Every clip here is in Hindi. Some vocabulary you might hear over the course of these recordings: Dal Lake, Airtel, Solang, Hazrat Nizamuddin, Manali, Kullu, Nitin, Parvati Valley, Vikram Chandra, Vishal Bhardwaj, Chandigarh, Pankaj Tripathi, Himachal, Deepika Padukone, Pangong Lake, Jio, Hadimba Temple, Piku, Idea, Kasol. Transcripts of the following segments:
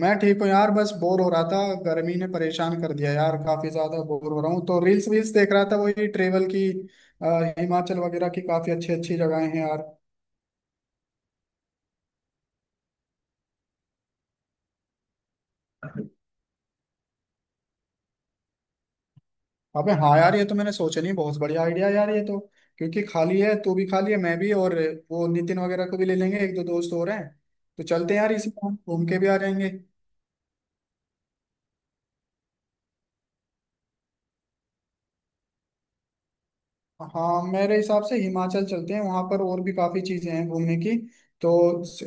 मैं ठीक हूँ यार। बस बोर हो रहा था। गर्मी ने परेशान कर दिया यार, काफी ज्यादा बोर हो रहा हूँ, तो रील्स वील्स देख रहा था, वही ट्रेवल की। हिमाचल वगैरह की काफी अच्छी अच्छी जगहें हैं यार। अबे हाँ यार, ये तो मैंने सोचा नहीं। बहुत बढ़िया आइडिया यार ये तो। क्योंकि खाली है, तू भी खाली है, मैं भी। और वो नितिन वगैरह को भी ले लेंगे, एक दो दोस्त और हैं। तो चलते हैं यार, इसी बार घूम के भी आ जाएंगे। हाँ, मेरे हिसाब से हिमाचल चलते हैं, वहां पर और भी काफी चीजें हैं घूमने की। तो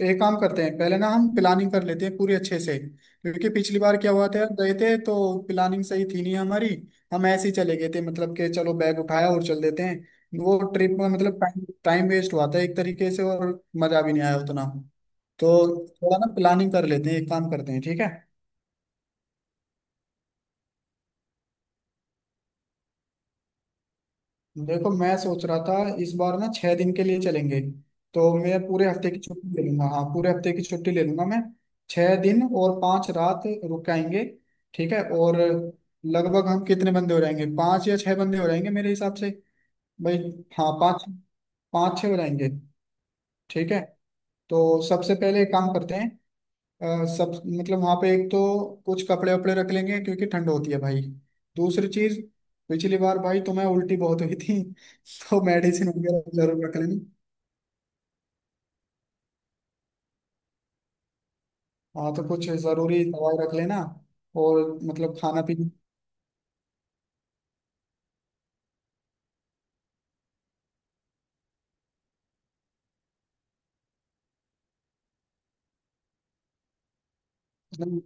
एक काम करते हैं, पहले ना हम प्लानिंग कर लेते हैं पूरी अच्छे से, क्योंकि पिछली बार क्या हुआ था यार, गए थे तो प्लानिंग सही थी नहीं हमारी। हम ऐसे ही चले गए थे, मतलब कि चलो बैग उठाया और चल देते हैं, वो ट्रिप में मतलब टाइम टाइम वेस्ट हुआ था एक तरीके से, और मजा भी नहीं आया उतना। तो थोड़ा ना प्लानिंग कर लेते हैं, एक काम करते हैं ठीक है। देखो मैं सोच रहा था, इस बार ना 6 दिन के लिए चलेंगे, तो मैं पूरे हफ्ते की छुट्टी ले लूंगा। हाँ पूरे हफ्ते की छुट्टी ले लूंगा मैं। छह दिन और 5 रात रुक के आएंगे, ठीक है। और लगभग हम कितने बंदे हो जाएंगे? पांच या छह बंदे हो जाएंगे मेरे हिसाब से भाई। हाँ पाँच। पाँच छः हो जाएंगे। ठीक है। तो सबसे पहले एक काम करते हैं, अ, सब मतलब वहां पे एक तो कुछ कपड़े वपड़े रख लेंगे क्योंकि ठंड होती है भाई। दूसरी चीज, पिछली बार भाई तुम्हें उल्टी बहुत हुई थी तो मेडिसिन वगैरह जरूर रख लेनी। हाँ तो कुछ जरूरी दवाई रख लेना। और मतलब खाना पीना। मतलब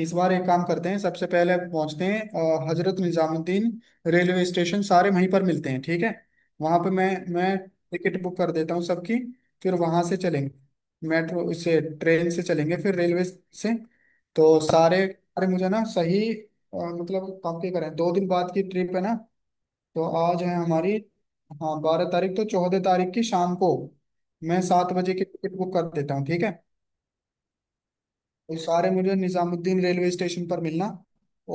इस बार एक काम करते हैं, सबसे पहले पहुंचते हैं हजरत निजामुद्दीन रेलवे स्टेशन, सारे वहीं पर मिलते हैं ठीक है। वहां पे मैं टिकट बुक कर देता हूँ सबकी। फिर वहां से चलेंगे, मेट्रो से ट्रेन से चलेंगे फिर रेलवे से। तो सारे, अरे मुझे ना सही मतलब काफी करें, दो दिन बाद की ट्रिप है ना। तो आज है हमारी हाँ 12 तारीख, तो 14 तारीख की शाम को मैं 7 बजे की टिकट बुक कर देता हूँ ठीक है। ये सारे मुझे निजामुद्दीन रेलवे स्टेशन पर मिलना।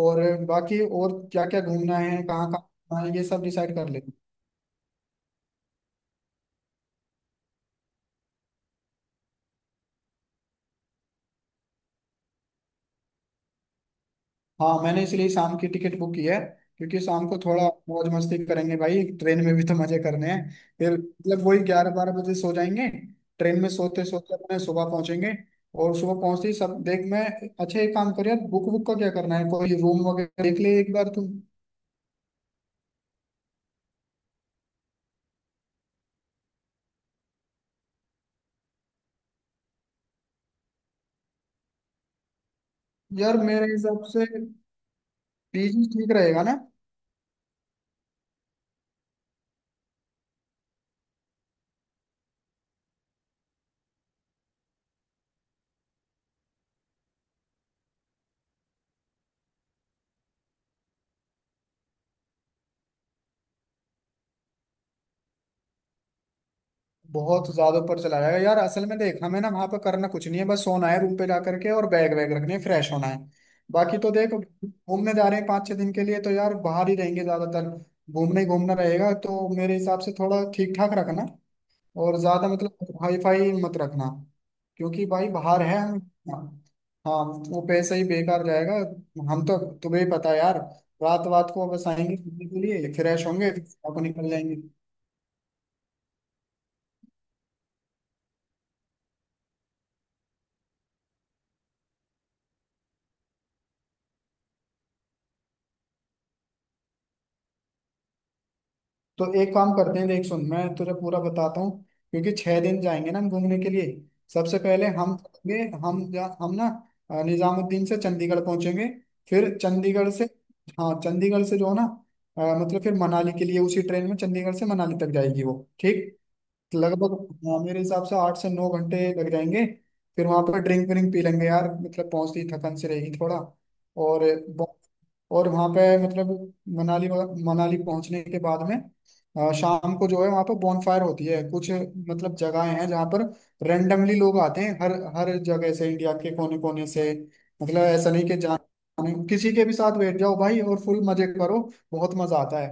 और बाकी और क्या क्या घूमना है, कहाँ कहाँ घूमना है ये सब डिसाइड कर लेंगे। हाँ, मैंने इसलिए शाम की टिकट बुक की है, क्योंकि शाम को थोड़ा मौज मस्ती करेंगे भाई, ट्रेन में भी तो मजे करने हैं। फिर मतलब वही 11–12 बजे सो जाएंगे। ट्रेन में सोते सोते अपने सुबह पहुंचेंगे। और सुबह पहुंचते ही सब देख मैं, अच्छा एक काम कर यार, बुक बुक का क्या करना है, कोई रूम वगैरह देख ले एक बार तुम। यार मेरे हिसाब से पीजी ठीक रहेगा ना। बहुत ज्यादा ऊपर चला जाएगा यार। असल में देख, हमें ना वहां पर करना कुछ नहीं है, बस सोना है रूम पे जा करके, और बैग वैग रखने फ्रेश होना है। बाकी तो देख घूमने जा रहे हैं पाँच छह दिन के लिए, तो यार बाहर ही रहेंगे ज्यादातर। घूमने ही घूमना रहेगा, तो मेरे हिसाब से थोड़ा ठीक ठाक रखना। और ज्यादा मतलब हाई फाई मत रखना, क्योंकि भाई बाहर है हम। हाँ, वो पैसा ही बेकार जाएगा। हम तो, तुम्हें ही पता है यार। रात रात को बस आएंगे घूमने के लिए, फ्रेश होंगे, फिर आपको निकल जाएंगे। तो एक काम करते हैं, देख सुन मैं तुझे पूरा बताता हूँ। क्योंकि 6 दिन जाएंगे ना हम घूमने के लिए। सबसे पहले हम चलेंगे, हम ना निजामुद्दीन से चंडीगढ़ पहुंचेंगे। फिर चंडीगढ़ से, हाँ चंडीगढ़ से जो है ना मतलब, फिर मनाली के लिए उसी ट्रेन में चंडीगढ़ से मनाली तक जाएगी वो, ठीक। लगभग हाँ, मेरे हिसाब से 8 से 9 घंटे लग जाएंगे। फिर वहां पर ड्रिंक विंक पी लेंगे यार, मतलब पहुंचती थकन से रहेगी थोड़ा। और और वहाँ पे मतलब मनाली, मनाली पहुंचने के बाद में शाम को जो है वहाँ पे बॉनफायर होती है कुछ। मतलब जगहें हैं जहाँ पर रेंडमली लोग आते हैं हर हर जगह से, इंडिया के कोने कोने से। मतलब ऐसा नहीं कि जान, किसी के भी साथ बैठ जाओ भाई और फुल मजे करो, बहुत मजा आता है।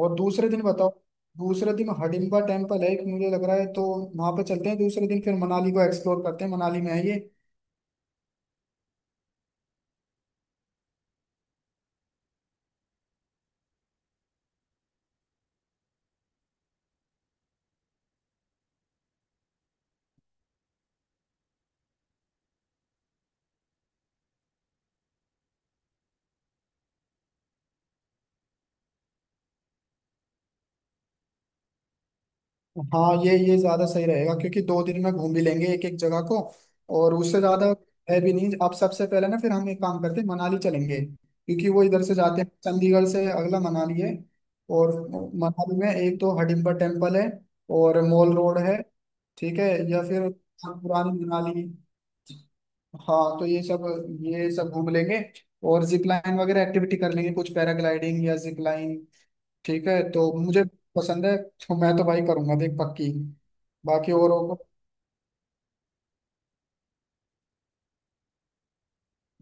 और दूसरे दिन बताओ। दूसरे दिन हडिम्बा टेम्पल है एक मुझे लग रहा है, तो वहां पे चलते हैं दूसरे दिन। फिर मनाली को एक्सप्लोर करते हैं, मनाली में है ये। हाँ ये ज्यादा सही रहेगा, क्योंकि दो दिन में घूम भी लेंगे एक एक जगह को, और उससे ज्यादा है भी नहीं। आप सबसे पहले ना, फिर हम एक काम करते हैं, मनाली चलेंगे, क्योंकि वो इधर से जाते हैं चंडीगढ़ से अगला मनाली है। और मनाली में एक तो हडिम्बा टेम्पल है, और मॉल रोड है, ठीक है, या फिर पुरानी मनाली। हाँ तो ये सब, ये सब घूम लेंगे। और जिप लाइन वगैरह एक्टिविटी कर लेंगे, कुछ पैराग्लाइडिंग या जिप। ठीक है, तो मुझे पसंद है तो मैं तो भाई करूंगा देख पक्की। बाकी औरों को,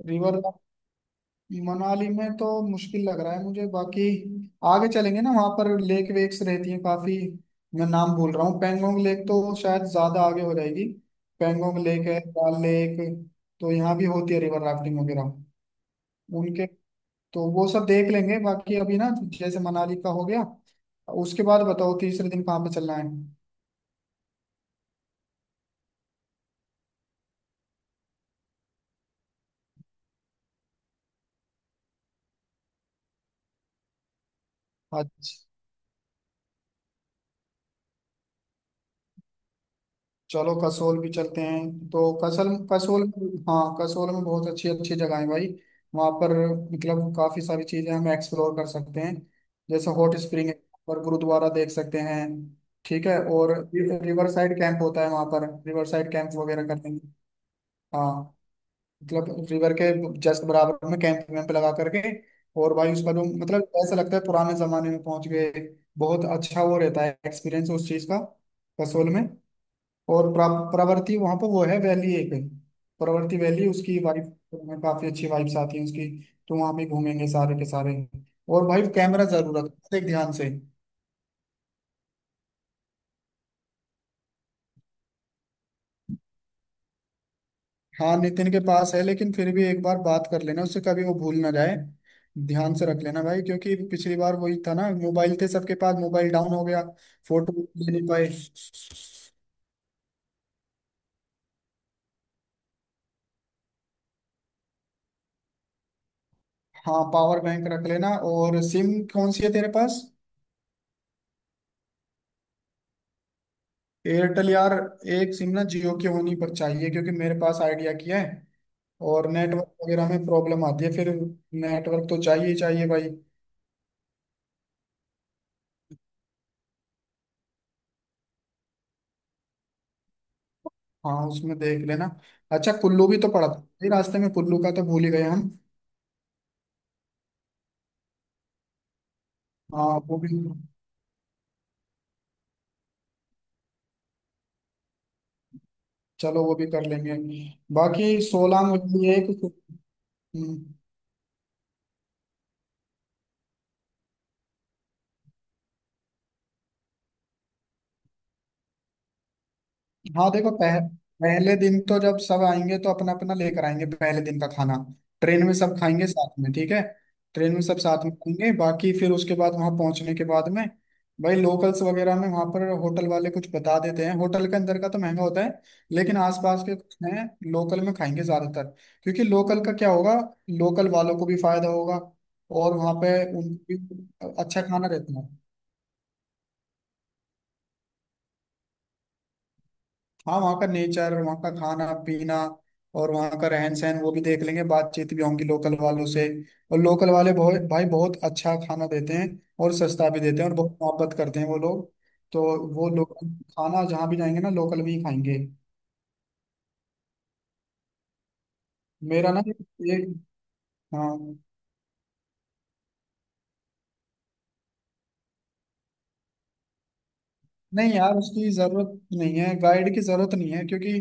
रिवर, मनाली में तो मुश्किल लग रहा है मुझे। बाकी आगे चलेंगे ना, वहां पर लेक वेक्स रहती हैं काफी। मैं नाम भूल रहा हूँ, पेंगोंग लेक तो शायद ज्यादा आगे हो जाएगी। पेंगोंग लेक है, दाल लेक, तो यहाँ भी होती है रिवर राफ्टिंग वगैरह उनके। तो वो सब देख लेंगे। बाकी अभी ना, जैसे मनाली का हो गया, उसके बाद बताओ तीसरे दिन कहाँ पे चलना है। अच्छा, चलो कसोल भी चलते हैं। तो कसल कसोल, हाँ कसोल में बहुत अच्छी अच्छी जगह है भाई। वहाँ पर मतलब काफी सारी चीजें हम एक्सप्लोर कर सकते हैं, जैसे हॉट स्प्रिंग है, और गुरुद्वारा देख सकते हैं ठीक है। और रिवर साइड कैंप होता है वहाँ पर, रिवर साइड कैंप वगैरह करते हैं। हाँ, मतलब रिवर के जस्ट बराबर में कैंप वैम्प लगा करके, और भाई उसका जो मतलब ऐसा लगता है पुराने जमाने में पहुंच गए। बहुत अच्छा वो रहता है एक्सपीरियंस उस चीज का कसोल में। और प्रवृत्ति, वहां पर वो है वैली एक, प्रवृत्ति वैली उसकी वाइफ, काफी अच्छी वाइब्स आती है उसकी। तो वहां पे घूमेंगे सारे के सारे। और भाई कैमरा जरूर रखना, देख ध्यान से। हाँ नितिन के पास है, लेकिन फिर भी एक बार बात कर लेना उससे, कभी वो भूल ना जाए। ध्यान से रख लेना भाई, क्योंकि पिछली बार वही था ना, मोबाइल थे सबके पास, मोबाइल डाउन हो गया, फोटो ले नहीं पाए। हाँ पावर बैंक रख लेना। और सिम कौन सी है तेरे पास? एयरटेल यार, एक सिम ना जियो की होनी पर चाहिए, क्योंकि मेरे पास आइडिया की है। और नेटवर्क वगैरह में प्रॉब्लम आती है फिर। नेटवर्क तो चाहिए ही चाहिए भाई। हाँ उसमें देख लेना। अच्छा कुल्लू भी तो पड़ा था ये रास्ते में, कुल्लू का तो भूल ही गए हम। हाँ वो भी, चलो वो भी कर लेंगे। बाकी सोलांग वगैरह एक, हम्म। हाँ देखो पहले दिन तो जब सब आएंगे तो अपना अपना लेकर आएंगे, पहले दिन का खाना ट्रेन में सब खाएंगे साथ में ठीक है। ट्रेन में सब साथ में खाएंगे, बाकी फिर उसके बाद वहां पहुंचने के बाद में भाई, लोकल्स वगैरह में वहां पर होटल वाले कुछ बता देते हैं। होटल के अंदर का तो महंगा होता है, लेकिन आसपास के कुछ हैं, लोकल में खाएंगे ज्यादातर। क्योंकि लोकल का क्या होगा, लोकल वालों को भी फायदा होगा, और वहां पे उनको भी अच्छा खाना रहता है। हाँ वहाँ का नेचर, वहाँ का खाना पीना, और वहाँ का रहन सहन वो भी देख लेंगे। बातचीत भी होंगी लोकल वालों से, और लोकल वाले बहुत भाई बहुत अच्छा खाना देते हैं, और सस्ता भी देते हैं, और बहुत मोहब्बत करते हैं वो लोग। तो वो लोग खाना, जहाँ भी जाएंगे ना लोकल भी खाएंगे। मेरा ना एक, हाँ, नहीं यार, उसकी जरूरत नहीं है, गाइड की जरूरत नहीं है, क्योंकि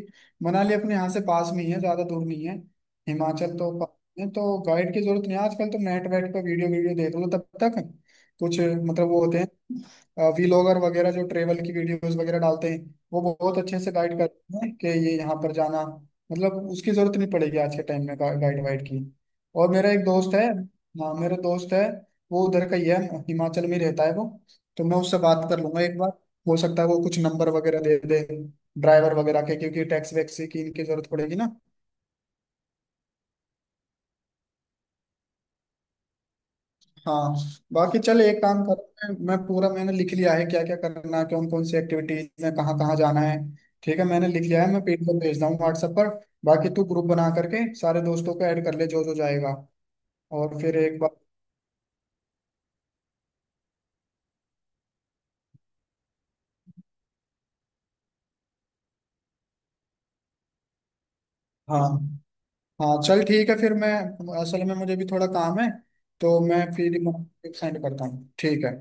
मनाली अपने यहाँ से पास में ही है, ज्यादा दूर नहीं है। हिमाचल तो पास में है, तो गाइड की जरूरत नहीं है। आजकल तो नेट वेट पर वीडियो वीडियो देख लो तब तक। कुछ मतलब वो होते हैं व्लॉगर वगैरह जो ट्रेवल की वीडियोस वगैरह डालते हैं, वो बहुत अच्छे से गाइड करते हैं कि ये यहाँ पर जाना। मतलब उसकी जरूरत नहीं पड़ेगी आज के टाइम में, गाइड वाइड की। और मेरा एक दोस्त है, हाँ मेरा दोस्त है, वो उधर का ही है, हिमाचल में ही रहता है वो। तो मैं उससे बात कर लूंगा एक बार। हो सकता है वो कुछ नंबर वगैरह दे दे, ड्राइवर वगैरह के, क्योंकि टैक्स वैक्स की इनकी जरूरत पड़ेगी ना। हाँ। बाकी चल एक काम कर, मैं पूरा मैंने लिख लिया है क्या क्या करना है, कौन कौन सी एक्टिविटीज में कहाँ कहाँ जाना है, ठीक है। मैंने लिख लिया है, मैं पेज पर भेजता हूँ व्हाट्सएप पर। बाकी तू ग्रुप बना करके सारे दोस्तों को ऐड कर ले, जो जो जाएगा। और फिर एक बार, हाँ, हाँ चल ठीक है, फिर मैं, असल में मुझे भी थोड़ा काम है, तो मैं फिर सेंड करता हूँ ठीक है।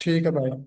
ठीक है भाई।